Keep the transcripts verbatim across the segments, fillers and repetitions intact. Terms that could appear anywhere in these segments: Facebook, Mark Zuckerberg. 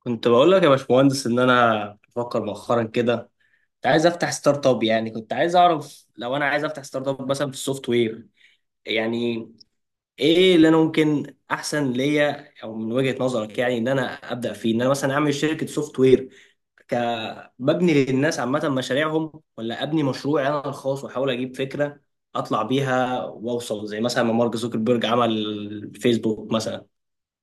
كنت بقول لك يا باشمهندس ان انا بفكر مؤخرا كده. كنت عايز افتح ستارت اب، يعني كنت عايز اعرف لو انا عايز افتح ستارت اب مثلا في السوفت وير، يعني ايه اللي انا ممكن احسن ليا او من وجهة نظرك، يعني ان انا ابدا فيه ان انا مثلا اعمل شركة سوفت وير ك ببني للناس عامة مشاريعهم، ولا ابني مشروعي انا الخاص واحاول اجيب فكرة اطلع بيها واوصل زي مثلا ما مارك زوكربيرج عمل فيسبوك مثلا؟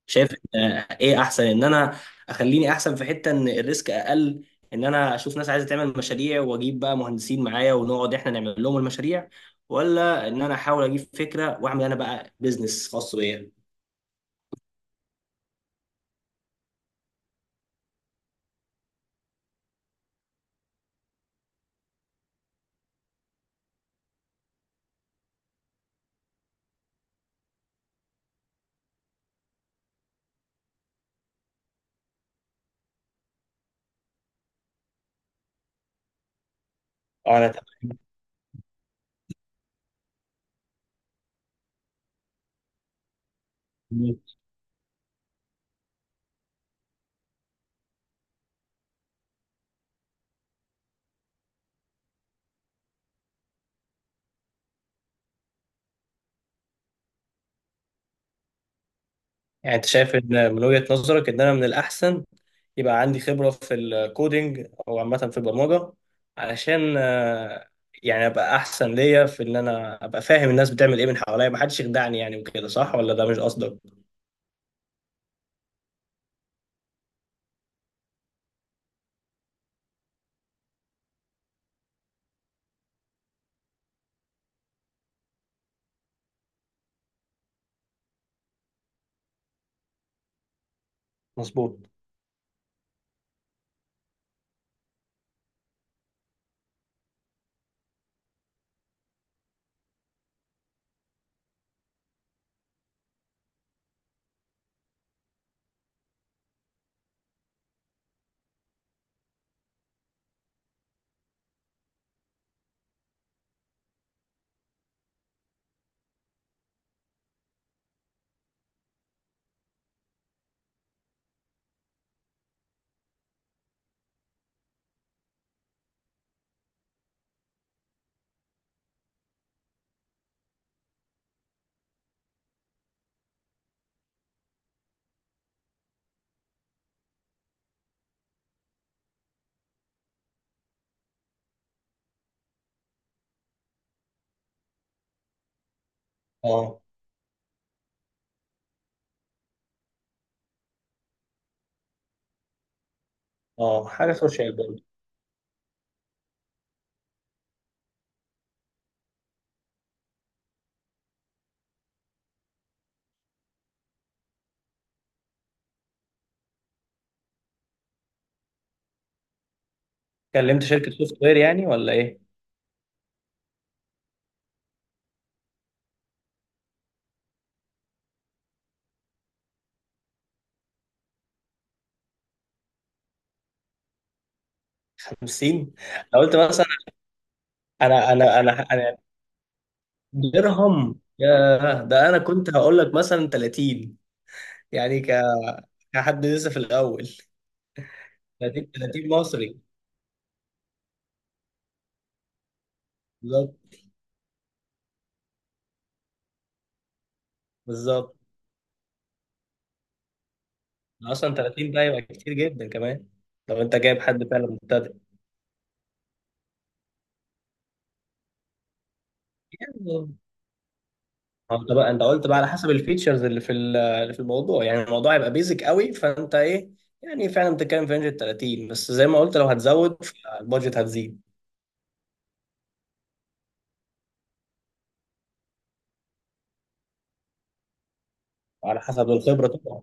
شايف؟ آه، ايه احسن، ان انا اخليني احسن في حته ان الريسك اقل، ان انا اشوف ناس عايزه تعمل مشاريع واجيب بقى مهندسين معايا ونقعد احنا نعمل لهم المشاريع، ولا ان انا احاول اجيب فكره واعمل انا بقى بيزنس خاص بيا؟ اه، انا تمام. يعني انت شايف ان من وجهه نظرك ان انا من الاحسن يبقى عندي خبره في الكودينج او عامه في البرمجه، علشان آه، يعني ابقى احسن ليا في ان انا ابقى فاهم الناس بتعمل ايه من حواليا، ما حدش يخدعني يعني وكده، صح ولا ده مش قصدك؟ مظبوط. اه. اه، حاجه سوشيال برضه. كلمت شركه سوفت وير يعني ولا ايه؟ خمسين؟ انا قلت مثلا، انا انا انا انا، درهم؟ يا ده، انا كنت هقول لك مثلا تلاتين. يعني ك كحد لسه في الاول. تلاتين، تلاتين مصري. بالظبط. بالظبط، اصلا تلاتين ده يبقى كتير جدا كمان لو انت جايب حد فعلا مبتدئ. يعني، ما انت بقى انت قلت بقى على حسب الفيتشرز اللي في ال- اللي في الموضوع، يعني الموضوع هيبقى بيزك قوي فانت ايه؟ يعني فعلا بتتكلم في رينج ال تلاتين، بس زي ما قلت لو هتزود فالبادجت هتزيد على حسب الخبره طبعا.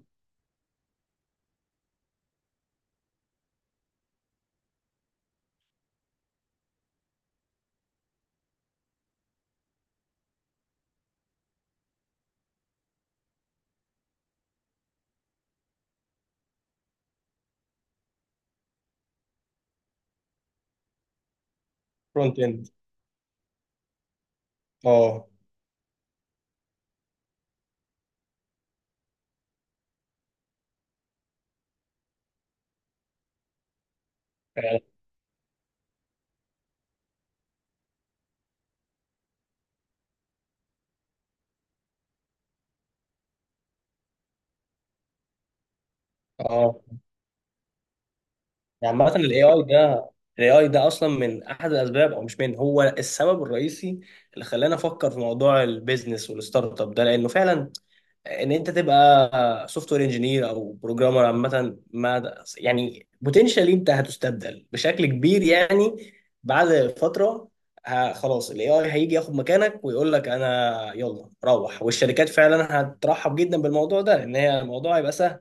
فرونت اند. اه، فعلا. اه. يعني عامه الاي اي ده، الاي اي ده اصلا من احد الاسباب، او مش، من هو السبب الرئيسي اللي خلاني افكر في موضوع البيزنس والستارت اب ده، لانه فعلا ان انت تبقى سوفت وير انجينير او بروجرامر عامه، ما يعني بوتنشالي انت هتستبدل بشكل كبير يعني، بعد فتره ه- خلاص الاي اي هيجي ياخد مكانك ويقول لك انا يلا روح. والشركات فعلا هترحب جدا بالموضوع ده لان هي الموضوع هيبقى سهل.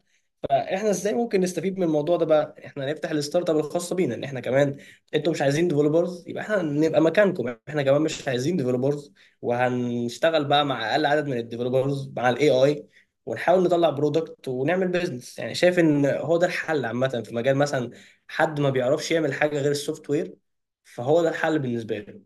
احنا ازاي ممكن نستفيد من الموضوع ده بقى؟ احنا نفتح الستارت اب الخاصه بينا، ان احنا كمان، انتوا مش عايزين ديفلوبرز، يبقى احنا نبقى مكانكم، احنا كمان مش عايزين ديفلوبرز، وهنشتغل بقى مع اقل عدد من الديفلوبرز مع الاي اي، ونحاول نطلع برودكت ونعمل بيزنس. يعني شايف ان هو ده الحل عامه في مجال مثلا حد ما بيعرفش يعمل حاجه غير السوفت وير، فهو ده الحل بالنسبه له.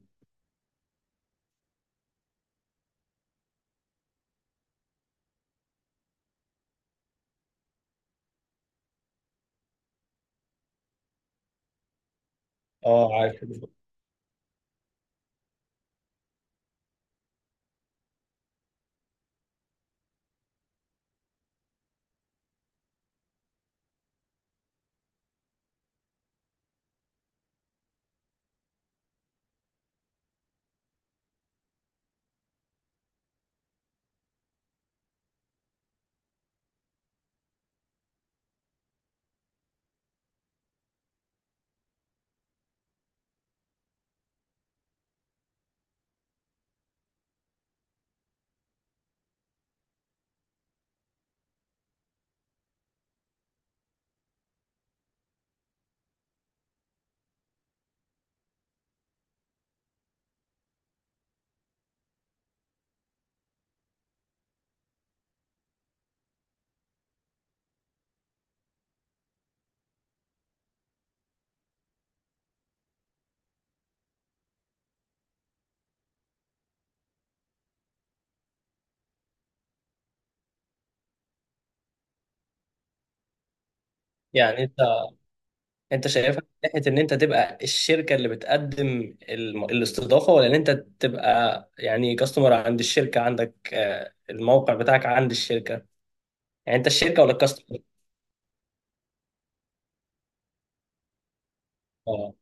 اه، عارف. يعني انت انت شايفها من ناحيه ان انت تبقى الشركه اللي بتقدم الم- الاستضافه، ولا ان انت تبقى يعني كاستمر عند الشركه، عندك آه، الموقع بتاعك عند الشركه؟ يعني انت الشركه ولا الكاستمر؟ اه.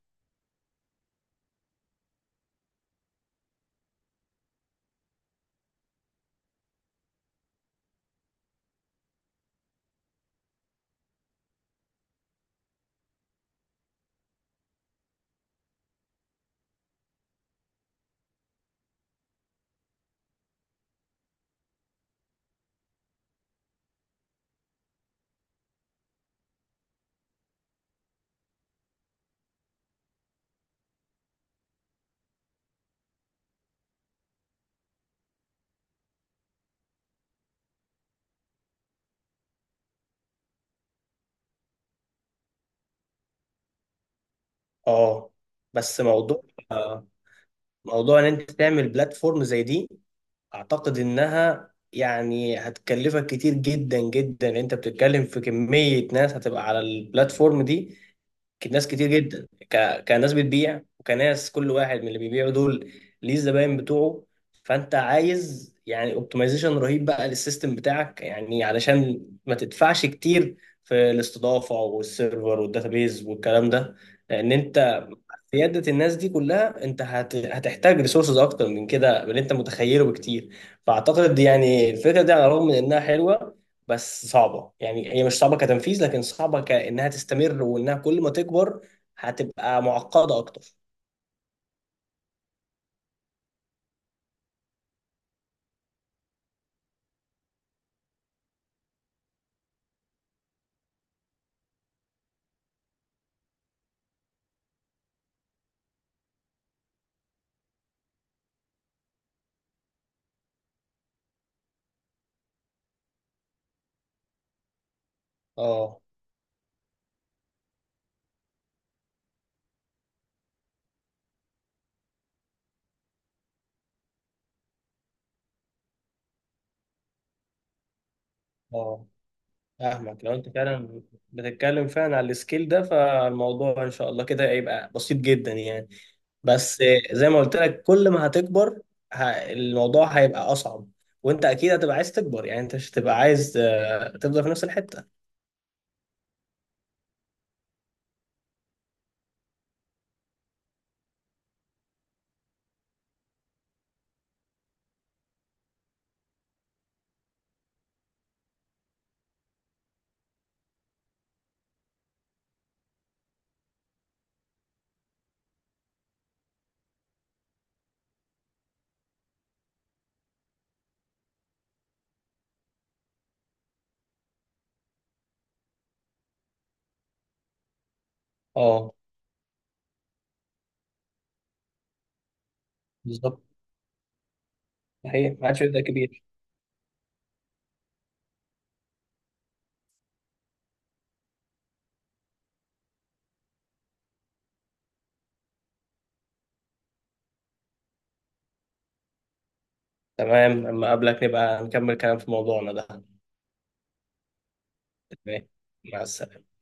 اه. بس موضوع، آه، موضوع ان انت تعمل بلاتفورم زي دي، اعتقد انها يعني هتكلفك كتير جدا جدا. انت بتتكلم في كميه ناس هتبقى على البلاتفورم دي، ك- ناس كتير جدا، ك... كناس بتبيع وكناس كل واحد من اللي بيبيعوا دول ليه الزباين بتوعه. فانت عايز يعني اوبتمايزيشن رهيب بقى للسيستم بتاعك، يعني علشان ما تدفعش كتير في الاستضافه والسيرفر والداتابيز والكلام ده. لان انت قيادة الناس دي كلها، انت هت... هتحتاج ريسورسز اكتر من كده، من اللي انت متخيله بكتير. فاعتقد يعني الفكرة دي على الرغم من انها حلوة، بس صعبة. يعني هي مش صعبة كتنفيذ، لكن صعبة كأنها تستمر، وانها كل ما تكبر هتبقى معقدة اكتر. اه. اه، فاهمك. لو انت فعلا بتتكلم فعلا على السكيل ده، فالموضوع ان شاء الله كده هيبقى بسيط جدا يعني، بس زي ما قلت لك كل ما هتكبر ه- الموضوع هيبقى اصعب، وانت اكيد هتبقى عايز تكبر. يعني انت مش هتبقى عايز آه، تفضل في نفس الحته. اه، بالظبط. صحيح، ما عادش يبقى كبير. تمام، اما اقابلك نبقى نكمل كلام في موضوعنا ده. تمام، مع السلامه.